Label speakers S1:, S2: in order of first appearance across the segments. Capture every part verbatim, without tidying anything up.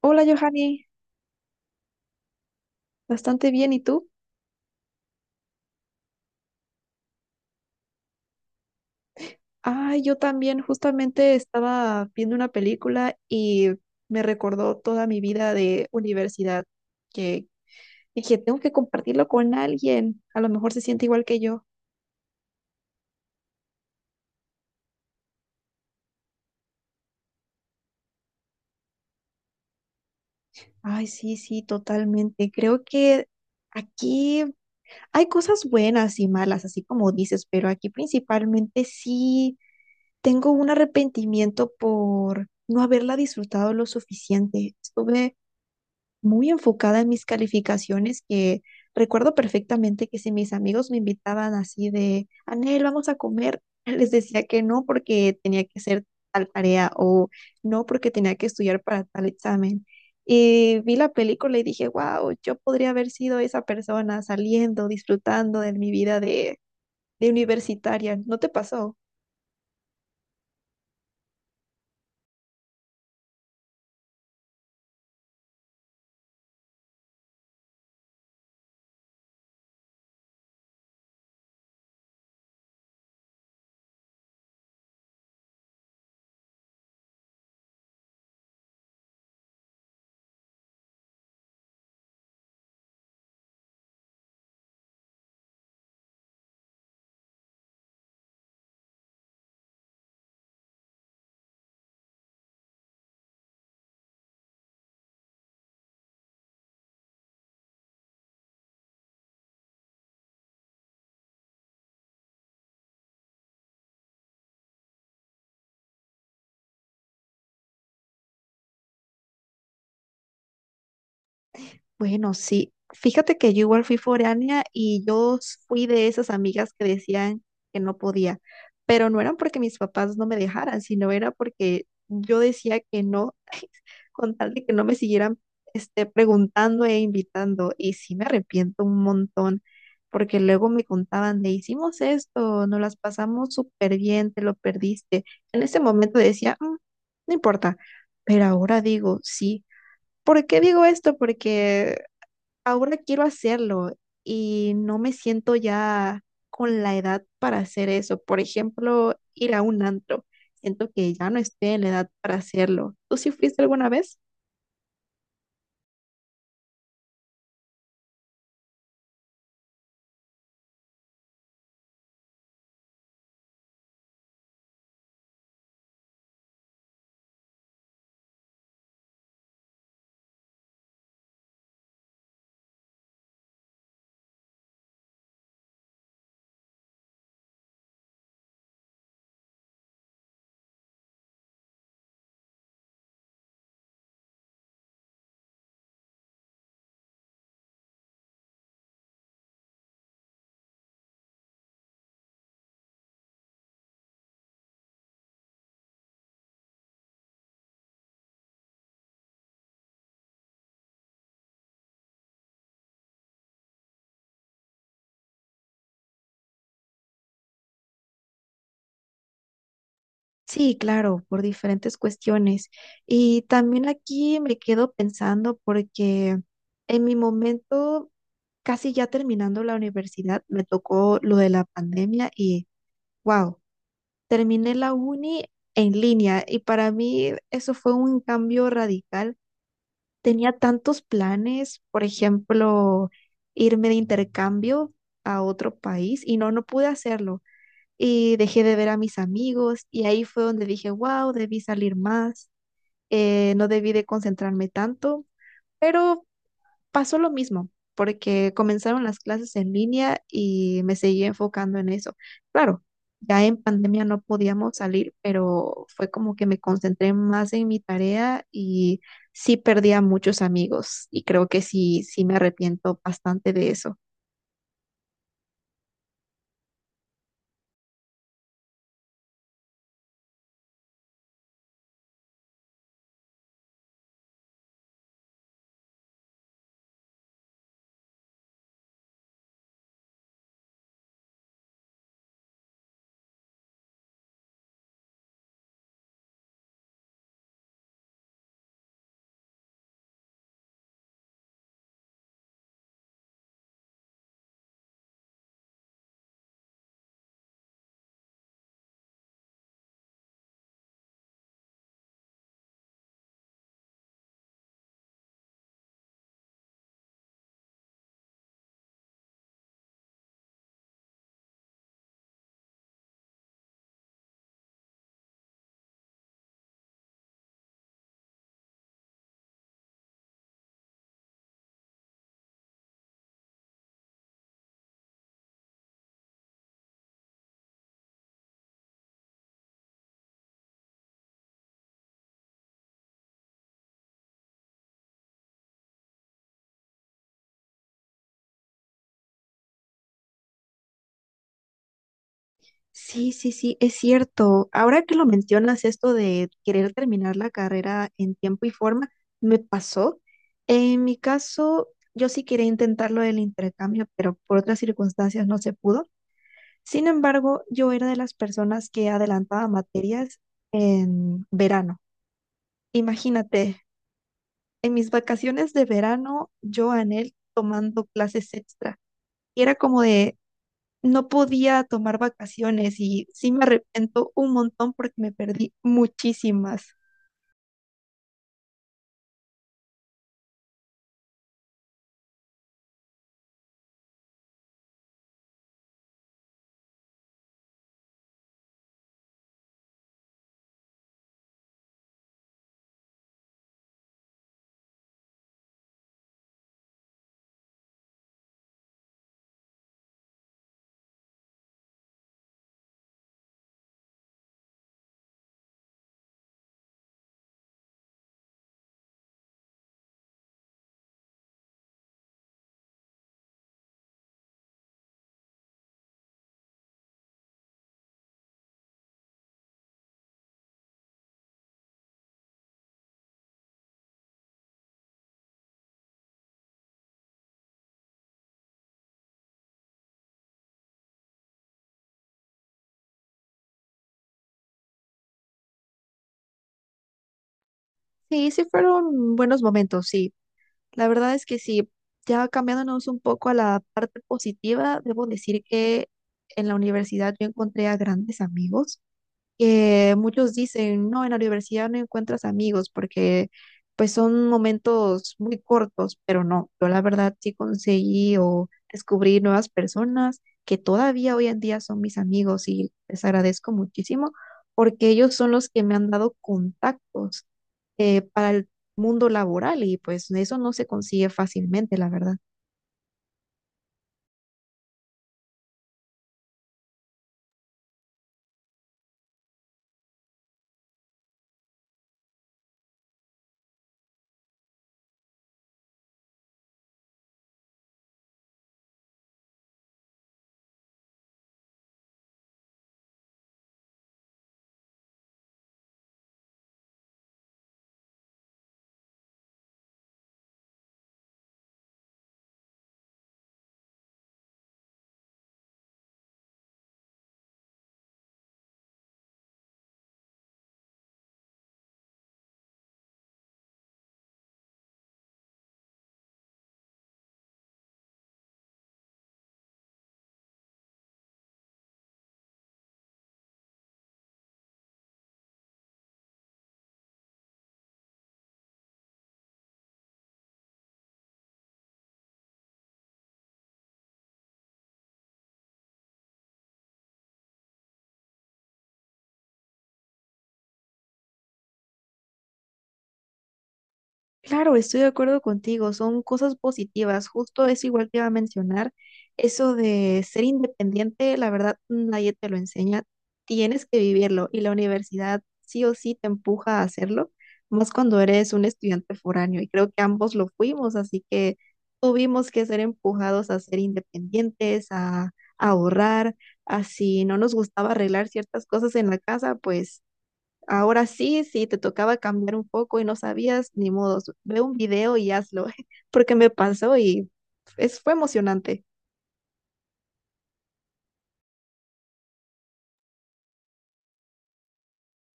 S1: Hola, Johanny. Bastante bien, ¿y tú? Ay, yo también justamente estaba viendo una película y me recordó toda mi vida de universidad, que dije, tengo que compartirlo con alguien, a lo mejor se siente igual que yo. Ay, sí, sí, totalmente. Creo que aquí hay cosas buenas y malas, así como dices, pero aquí principalmente sí tengo un arrepentimiento por no haberla disfrutado lo suficiente. Estuve muy enfocada en mis calificaciones, que recuerdo perfectamente que si mis amigos me invitaban así de, Anel, vamos a comer, les decía que no porque tenía que hacer tal tarea o no porque tenía que estudiar para tal examen. Y vi la película y dije, wow, yo podría haber sido esa persona saliendo, disfrutando de mi vida de, de universitaria. ¿No te pasó? Bueno, sí. Fíjate que yo igual fui foránea y yo s- fui de esas amigas que decían que no podía, pero no eran porque mis papás no me dejaran, sino era porque yo decía que no, con tal de que no me siguieran este, preguntando e invitando. Y sí me arrepiento un montón, porque luego me contaban de hicimos esto, nos las pasamos súper bien, te lo perdiste. En ese momento decía, "Mm, no importa", pero ahora digo, sí. ¿Por qué digo esto? Porque ahora quiero hacerlo y no me siento ya con la edad para hacer eso. Por ejemplo, ir a un antro. Siento que ya no estoy en la edad para hacerlo. ¿Tú sí fuiste alguna vez? Sí, claro, por diferentes cuestiones. Y también aquí me quedo pensando porque en mi momento, casi ya terminando la universidad, me tocó lo de la pandemia y wow, terminé la uni en línea y para mí eso fue un cambio radical. Tenía tantos planes, por ejemplo, irme de intercambio a otro país y no, no pude hacerlo. Y dejé de ver a mis amigos y ahí fue donde dije, wow, debí salir más, eh, no debí de concentrarme tanto, pero pasó lo mismo, porque comenzaron las clases en línea y me seguí enfocando en eso. Claro, ya en pandemia no podíamos salir, pero fue como que me concentré más en mi tarea y sí perdí a muchos amigos y creo que sí, sí me arrepiento bastante de eso. Sí, sí, sí, es cierto. Ahora que lo mencionas, esto de querer terminar la carrera en tiempo y forma, me pasó. En mi caso, yo sí quería intentarlo del intercambio, pero por otras circunstancias no se pudo. Sin embargo, yo era de las personas que adelantaba materias en verano. Imagínate, en mis vacaciones de verano, yo anhel tomando clases extra. Y era como de, no podía tomar vacaciones y sí me arrepiento un montón porque me perdí muchísimas. Sí, sí fueron buenos momentos, sí. La verdad es que sí. Ya cambiándonos un poco a la parte positiva, debo decir que en la universidad yo encontré a grandes amigos. Eh, muchos dicen, no, en la universidad no encuentras amigos porque pues son momentos muy cortos, pero no, yo la verdad sí conseguí o descubrí nuevas personas que todavía hoy en día son mis amigos y les agradezco muchísimo porque ellos son los que me han dado contactos eh, para el mundo laboral y pues eso no se consigue fácilmente, la verdad. Claro, estoy de acuerdo contigo, son cosas positivas, justo es igual que iba a mencionar, eso de ser independiente, la verdad nadie te lo enseña, tienes que vivirlo y la universidad sí o sí te empuja a hacerlo, más cuando eres un estudiante foráneo y creo que ambos lo fuimos, así que tuvimos que ser empujados a ser independientes, a, a ahorrar, a si no nos gustaba arreglar ciertas cosas en la casa, pues ahora sí, sí, te tocaba cambiar un poco y no sabías, ni modos. Ve un video y hazlo, porque me pasó y es, fue emocionante.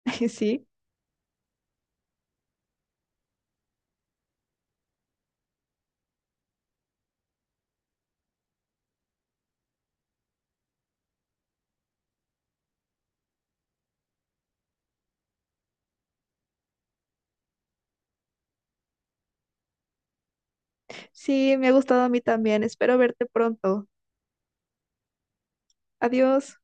S1: Sí, sí, me ha gustado a mí también. Espero verte pronto. Adiós.